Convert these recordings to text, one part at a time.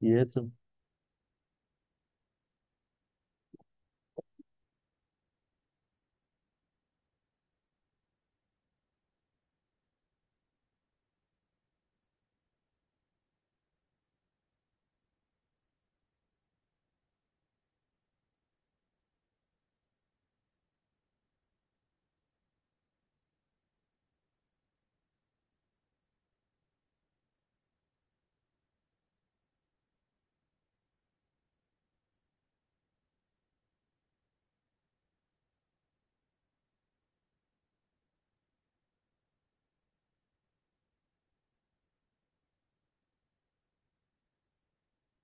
Y eso,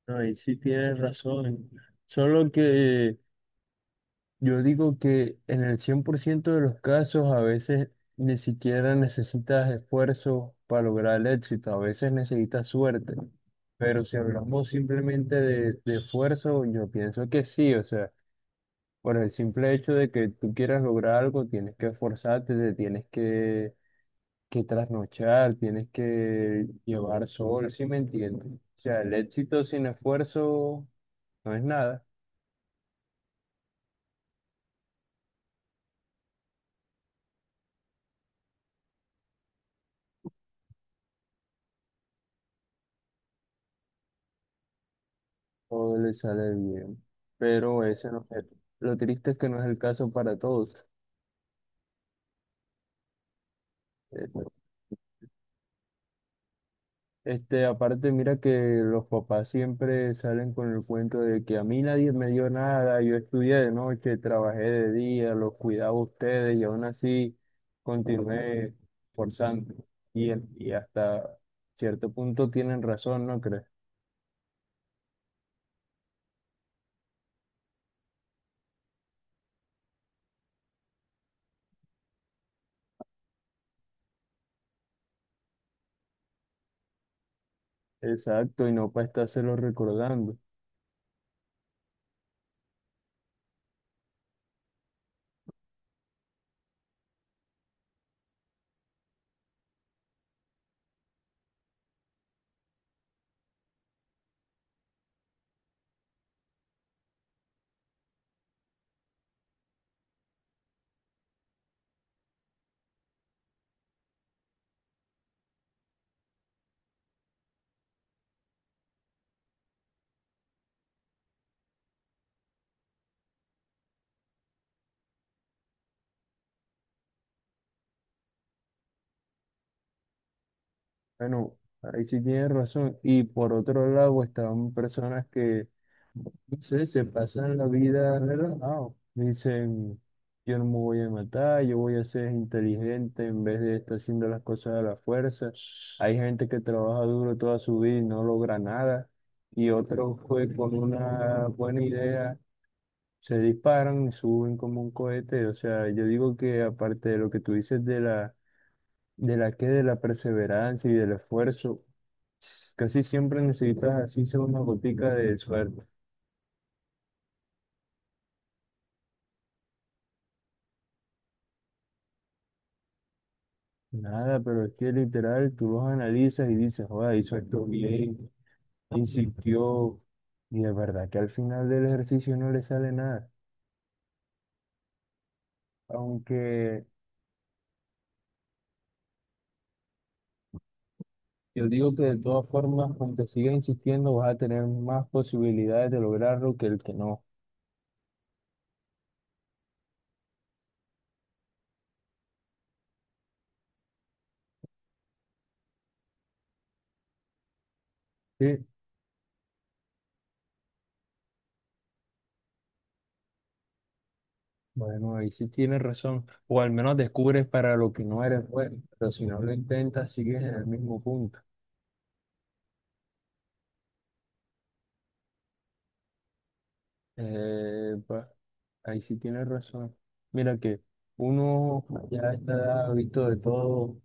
no, ahí sí tienes razón. Solo que yo digo que en el 100% de los casos a veces ni siquiera necesitas esfuerzo para lograr el éxito, a veces necesitas suerte. Pero si hablamos simplemente de esfuerzo, yo pienso que sí, o sea, por el simple hecho de que tú quieras lograr algo, tienes que esforzarte, te tienes que trasnochar, tienes que llevar sol, ¿si me entiendes? O sea, el éxito sin esfuerzo no es nada, o le sale bien, pero ese no es, lo triste es que no es el caso para todos. Eh, aparte, mira que los papás siempre salen con el cuento de que a mí nadie me dio nada, yo estudié de noche, trabajé de día, los cuidaba a ustedes y aún así continué forzando. Y hasta cierto punto tienen razón, ¿no crees? Exacto, y no para estárselo recordando. Bueno, ahí sí tienes razón. Y por otro lado están personas que, no sé, se pasan la vida relajado. Dicen, yo no me voy a matar, yo voy a ser inteligente en vez de estar haciendo las cosas a la fuerza. Hay gente que trabaja duro toda su vida y no logra nada. Y otros pues con una buena idea se disparan y suben como un cohete. O sea, yo digo que aparte de lo que tú dices de la que de la perseverancia y del esfuerzo. Casi siempre necesitas así sea una gotica de suerte. Nada, pero es que literal tú los analizas y dices, joder, hizo esto bien, insistió, y de verdad que al final del ejercicio no le sale nada. Aunque yo digo que de todas formas, aunque sigas insistiendo, vas a tener más posibilidades de lograrlo que el que no. Sí, bueno, ahí sí tienes razón. O al menos descubres para lo que no eres bueno, pero si no lo intentas, sigues en el mismo punto. Eh, pues, ahí sí tienes razón. Mira que uno ya está visto de todo,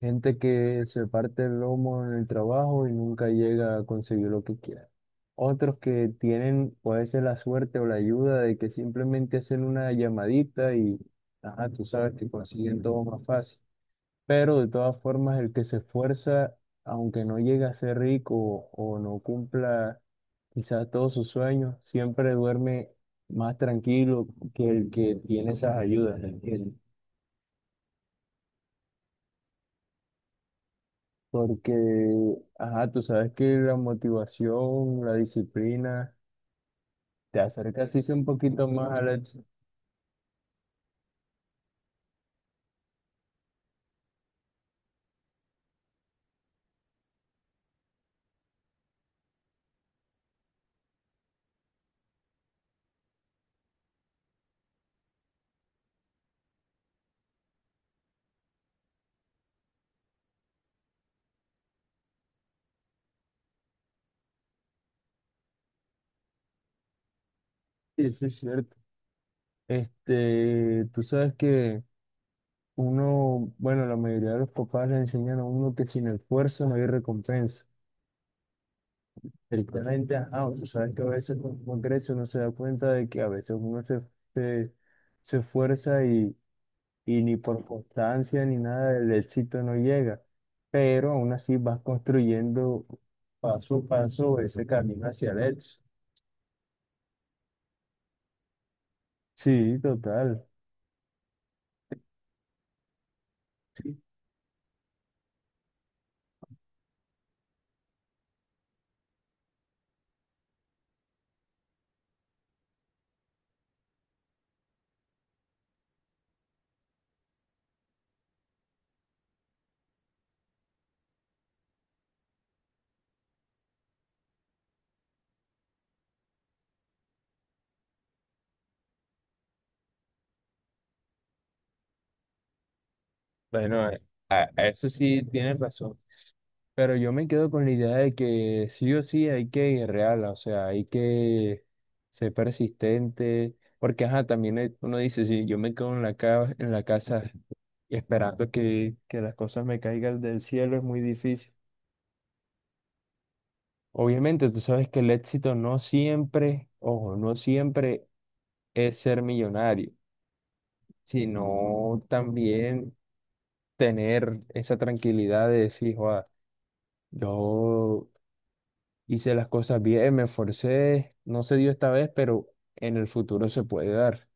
gente que se parte el lomo en el trabajo y nunca llega a conseguir lo que quiere. Otros que tienen, puede ser la suerte o la ayuda de que simplemente hacen una llamadita y, ajá, tú sabes que consiguen todo más fácil. Pero de todas formas, el que se esfuerza, aunque no llegue a ser rico o no cumpla quizás todos sus sueños, siempre duerme más tranquilo que el que tiene esas ayudas, ¿me entiendes? Porque, ajá, tú sabes que la motivación, la disciplina, te acerca así un poquito más al éxito. Sí, eso es cierto. Este, tú sabes que uno, bueno, la mayoría de los papás le enseñan a uno que sin esfuerzo no hay recompensa. Directamente, ah, tú sabes que a veces con Congreso uno se da cuenta de que a veces uno se, se esfuerza y ni por constancia ni nada del éxito no llega, pero aún así vas construyendo paso a paso ese camino hacia el éxito. Sí, total. Sí. Bueno, eh, a eso sí tienes razón. Pero yo me quedo con la idea de que sí o sí hay que ir real, o sea, hay que ser persistente, porque ajá, también uno dice, si yo me quedo en en la casa esperando que las cosas me caigan del cielo, es muy difícil. Obviamente, tú sabes que el éxito no siempre, ojo, no siempre es ser millonario, sino también tener esa tranquilidad de decir, joa, yo hice las cosas bien, me esforcé, no se dio esta vez, pero en el futuro se puede dar.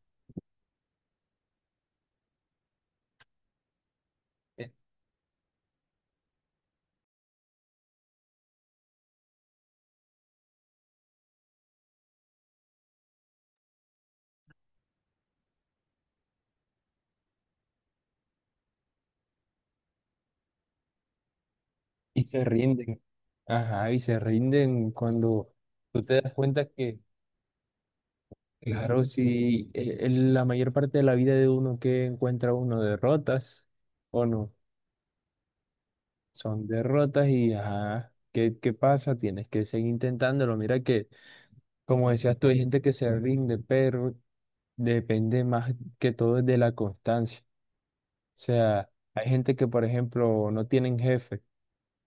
Eh, Y se rinden. Ajá, y se rinden cuando tú te das cuenta que, claro, si en la mayor parte de la vida de uno que encuentra uno derrotas o no, son derrotas y ajá. ¿Qué, qué pasa? Tienes que seguir intentándolo. Mira que, como decías tú, hay gente que se rinde, pero depende más que todo de la constancia. Sea, hay gente que, por ejemplo, no tienen jefe,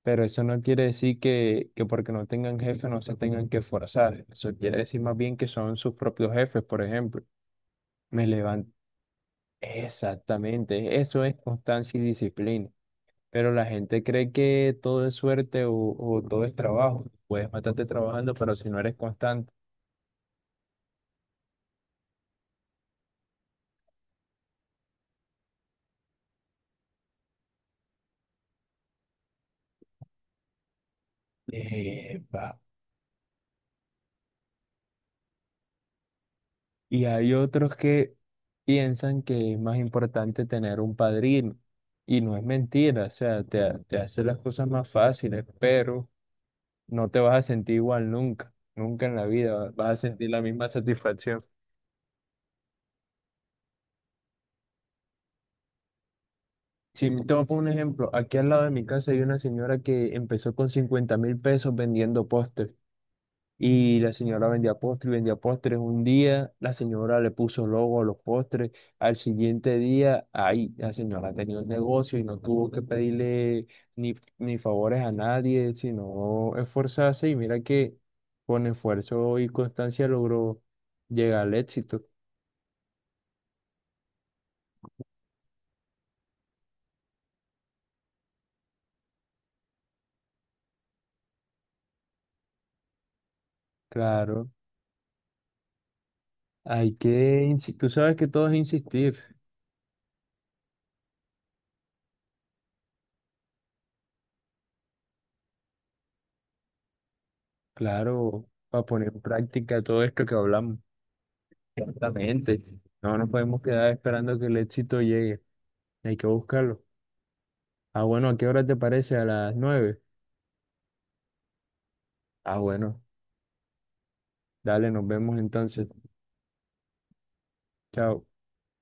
pero eso no quiere decir que porque no tengan jefe no se tengan que forzar. Eso quiere decir más bien que son sus propios jefes, por ejemplo. Me levanto. Exactamente, eso es constancia y disciplina. Pero la gente cree que todo es suerte o todo es trabajo. Puedes matarte trabajando, pero si no eres constante. Y hay otros que piensan que es más importante tener un padrino. Y no es mentira, o sea, te hace las cosas más fáciles, pero no te vas a sentir igual nunca, nunca en la vida vas a sentir la misma satisfacción. Si me tomo un ejemplo, aquí al lado de mi casa hay una señora que empezó con 50.000 pesos vendiendo postres. Y la señora vendía postres, vendía postres. Un día la señora le puso logo a los postres. Al siguiente día, ahí la señora tenía un negocio y no tuvo que pedirle ni, ni favores a nadie, sino esforzarse. Y mira que con esfuerzo y constancia logró llegar al éxito. Claro, hay que insistir. Tú sabes que todo es insistir, claro, para poner en práctica todo esto que hablamos. Exactamente. No nos podemos quedar esperando que el éxito llegue. Hay que buscarlo. Ah, bueno, ¿a qué hora te parece? A las 9. Ah, bueno, dale, nos vemos entonces. Chao.